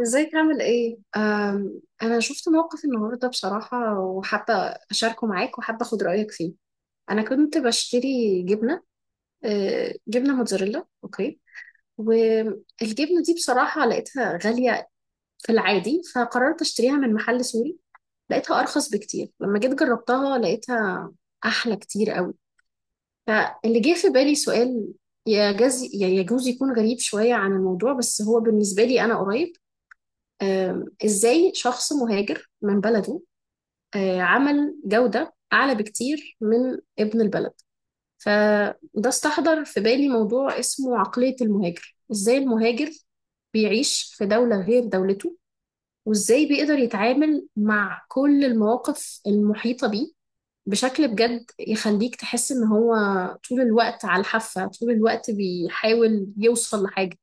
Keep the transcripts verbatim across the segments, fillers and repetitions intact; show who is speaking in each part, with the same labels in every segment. Speaker 1: ازيك عامل ايه؟ أم، انا شفت موقف النهارده بصراحة وحابة اشاركه معاك وحابة اخد رأيك فيه. انا كنت بشتري جبنة، أه، جبنة موتزاريلا اوكي. والجبنة دي بصراحة لقيتها غالية في العادي فقررت اشتريها من محل سوري. لقيتها ارخص بكتير، لما جيت جربتها لقيتها احلى كتير قوي. فاللي جه في بالي سؤال، يجوز يجوز يكون غريب شوية عن الموضوع بس هو بالنسبة لي انا قريب. آم، ازاي شخص مهاجر من بلده آه، عمل جودة أعلى بكتير من ابن البلد؟ فده استحضر في بالي موضوع اسمه عقلية المهاجر، ازاي المهاجر بيعيش في دولة غير دولته، وازاي بيقدر يتعامل مع كل المواقف المحيطة بيه بشكل بجد يخليك تحس ان هو طول الوقت على الحافة، طول الوقت بيحاول يوصل لحاجة.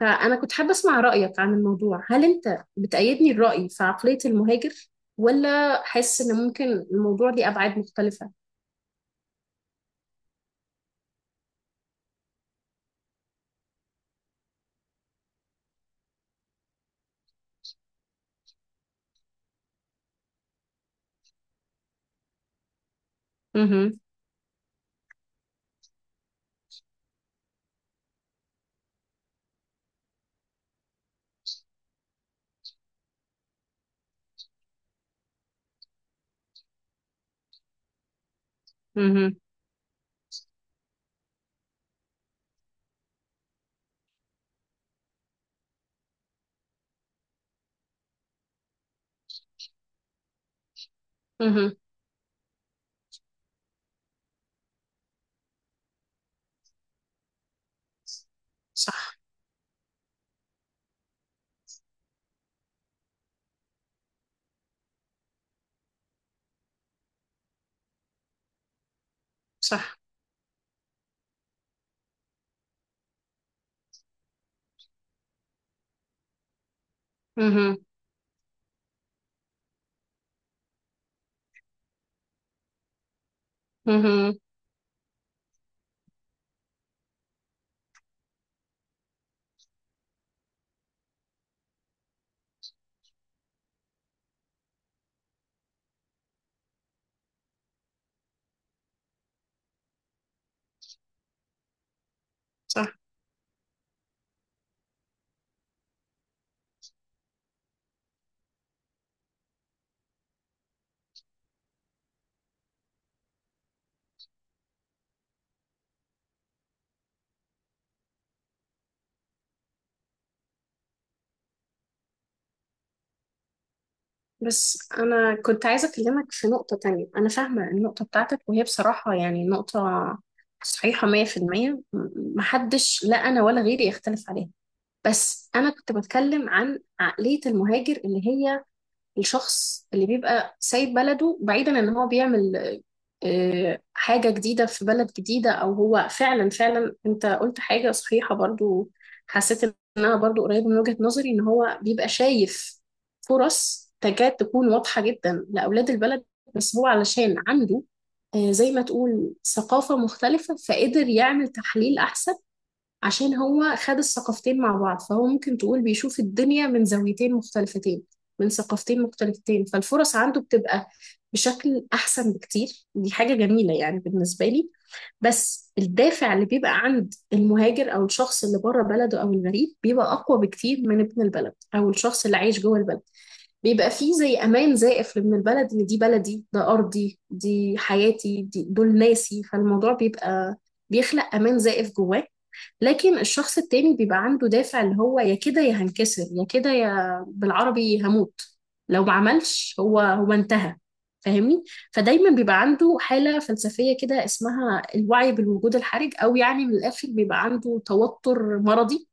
Speaker 1: فأنا كنت حابة أسمع رأيك عن الموضوع، هل أنت بتأيدني الرأي في عقلية المهاجر، ولا حاسس إن ممكن الموضوع ليه أبعاد مختلفة؟ مهم. مهم. مهم. صح. صح. مهم. مهم. صح. بس أنا كنت عايزة أكلمك في نقطة تانية، أنا فاهمة النقطة بتاعتك وهي بصراحة يعني نقطة صحيحة مية بالمية، م- محدش لا أنا ولا غيري يختلف عليها. بس أنا كنت بتكلم عن عقلية المهاجر اللي هي الشخص اللي بيبقى سايب بلده بعيدا ان هو بيعمل آه، حاجة جديدة في بلد جديدة. او هو فعلا فعلا انت قلت حاجة صحيحة برضو. حسيت ان انا برضو قريب من وجهة نظري، ان هو بيبقى شايف فرص تكاد تكون واضحة جدا لأولاد البلد، بس هو علشان عنده آه، زي ما تقول ثقافة مختلفة، فقدر يعمل تحليل أحسن. عشان هو خد الثقافتين مع بعض، فهو ممكن تقول بيشوف الدنيا من زاويتين مختلفتين، من ثقافتين مختلفتين، فالفرص عنده بتبقى بشكل أحسن بكتير. دي حاجة جميلة يعني بالنسبة لي. بس الدافع اللي بيبقى عند المهاجر أو الشخص اللي بره بلده أو الغريب بيبقى أقوى بكتير من ابن البلد أو الشخص اللي عايش جوه البلد. بيبقى فيه زي أمان زائف لابن البلد، إن دي بلدي، ده أرضي، دي حياتي، دي دول ناسي، فالموضوع بيبقى بيخلق أمان زائف جواه. لكن الشخص التاني بيبقى عنده دافع اللي هو يا كده يا هنكسر، يا كده يا بالعربي هموت. لو ما عملش، هو هو انتهى. فاهمني؟ فدايما بيبقى عنده حالة فلسفية كده اسمها الوعي بالوجود الحرج، او يعني من الاخر بيبقى عنده توتر مرضي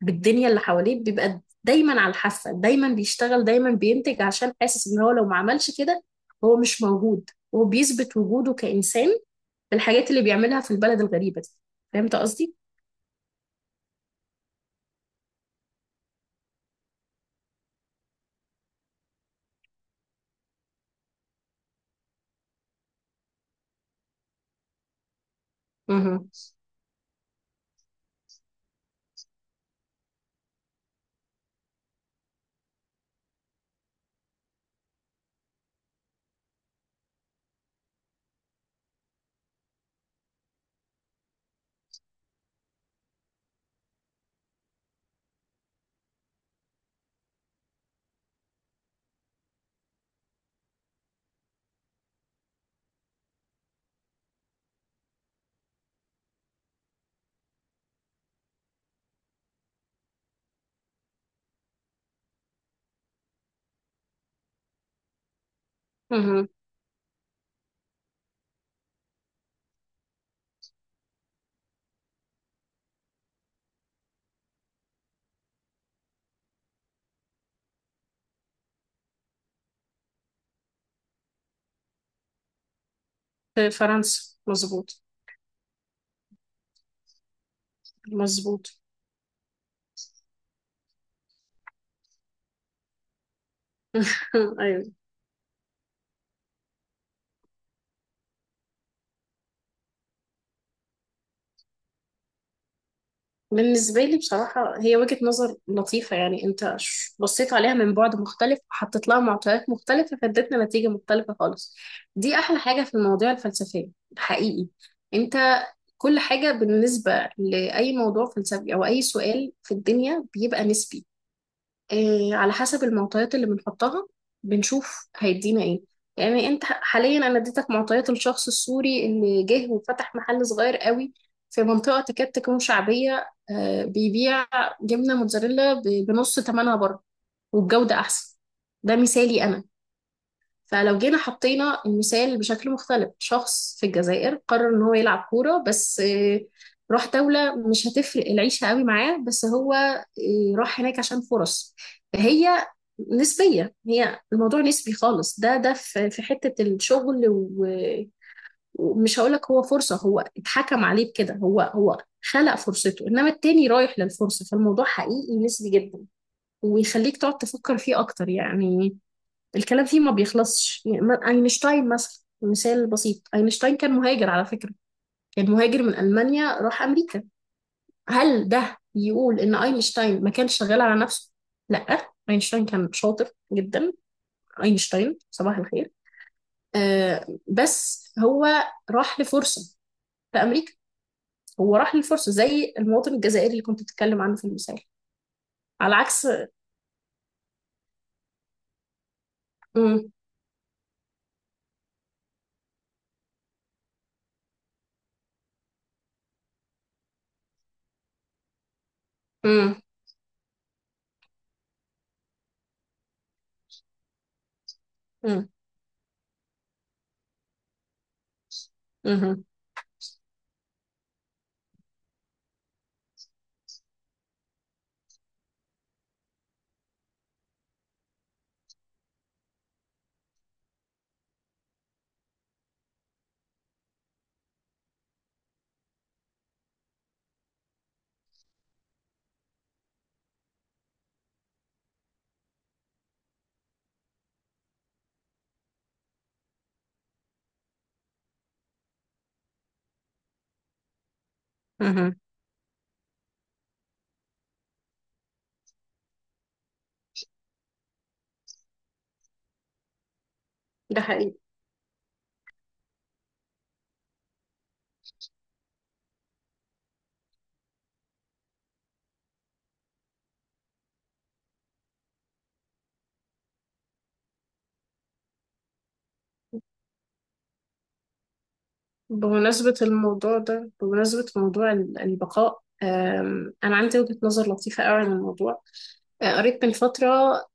Speaker 1: بالدنيا اللي حواليه، بيبقى دايما على الحافة، دايما بيشتغل، دايما بينتج عشان حاسس ان هو لو ما عملش كده هو مش موجود، وهو بيثبت وجوده كإنسان بالحاجات اللي بيعملها في البلد الغريبة دي. فهمت قصدي؟ مهم. في فرنسا مظبوط. مظبوط. ايوه. بالنسبه لي بصراحه هي وجهه نظر لطيفه، يعني انت ش- بصيت عليها من بعد مختلف وحطيت لها معطيات مختلفه فادتنا نتيجه مختلفه خالص. دي احلى حاجه في المواضيع الفلسفيه، حقيقي. انت كل حاجه بالنسبه لاي موضوع فلسفي او اي سؤال في الدنيا بيبقى نسبي، آه، على حسب المعطيات اللي بنحطها بنشوف هيدينا ايه. يعني انت حاليا انا اديتك معطيات الشخص السوري اللي جه وفتح محل صغير قوي في منطقة تكاد تكون شعبية، آه، بيبيع جبنة موتزاريلا ب- بنص ثمنها بره، والجودة احسن. ده مثالي انا. فلو جينا حطينا المثال بشكل مختلف، شخص في الجزائر قرر ان هو يلعب كورة بس، آه، راح دولة مش هتفرق العيشة قوي معاه، بس هو آه، راح هناك عشان فرص. فهي نسبية، هي الموضوع نسبي خالص، ده ده في في حتة الشغل و- ومش هقولك هو فرصة هو اتحكم عليه بكده، هو هو خلق فرصته، انما التاني رايح للفرصة، فالموضوع حقيقي نسبي جدا ويخليك تقعد تفكر فيه اكتر يعني. الكلام فيه ما بيخلصش يعني، ما- اينشتاين مثلا مثال بسيط، اينشتاين كان مهاجر على فكرة، كان مهاجر من ألمانيا راح أمريكا. هل ده يقول إن اينشتاين ما كانش شغال على نفسه؟ لا، اينشتاين كان شاطر جدا، اينشتاين صباح الخير. آه بس هو راح لفرصة في أمريكا، هو راح للفرصة زي المواطن الجزائري اللي كنت بتتكلم عنه في المثال، على عكس. مم، مم، مم، مم، مم. ده حقيقي. بمناسبة الموضوع ده، بمناسبة موضوع ال- البقاء، آم، أنا عندي وجهة نظر لطيفة قوي عن الموضوع. آه، قريت من فترة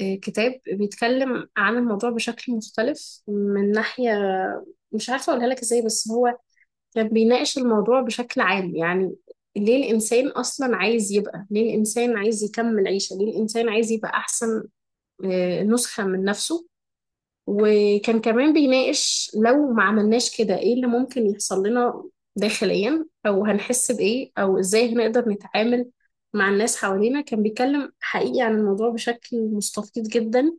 Speaker 1: آه، كتاب بيتكلم عن الموضوع بشكل مختلف من ناحية، مش عارفة أقولها لك إزاي. بس هو كان بيناقش الموضوع بشكل عام يعني، ليه الإنسان أصلا عايز يبقى، ليه الإنسان عايز يكمل عيشة، ليه الإنسان عايز يبقى أحسن آه، نسخة من نفسه. وكان كمان بيناقش، لو ما عملناش كده ايه اللي ممكن يحصل لنا داخليا، او هنحس بايه، او ازاي هنقدر نتعامل مع الناس حوالينا. كان بيتكلم حقيقي عن الموضوع بشكل مستفيض جدا.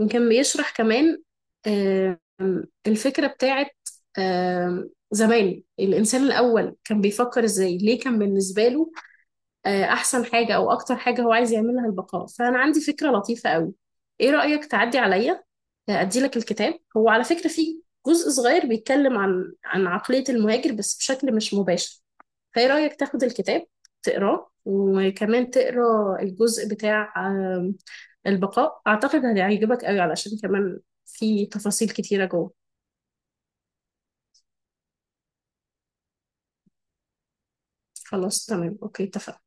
Speaker 1: وكان بيشرح كمان آم، الفكرة بتاعت آم، زمان، الإنسان الأول كان بيفكر إزاي، ليه كان بالنسبة له آه، احسن حاجة او اكتر حاجة هو عايز يعملها البقاء. فانا عندي فكرة لطيفة قوي، ايه رأيك تعدي عليا آه، ادي لك الكتاب. هو على فكرة فيه جزء صغير بيتكلم عن عن عقلية المهاجر بس بشكل مش مباشر. فايه رأيك تاخد الكتاب تقراه، وكمان تقرا الجزء بتاع آم، البقاء، اعتقد هيعجبك قوي علشان كمان في تفاصيل كتيرة جوه. خلاص تمام اوكي اتفقنا.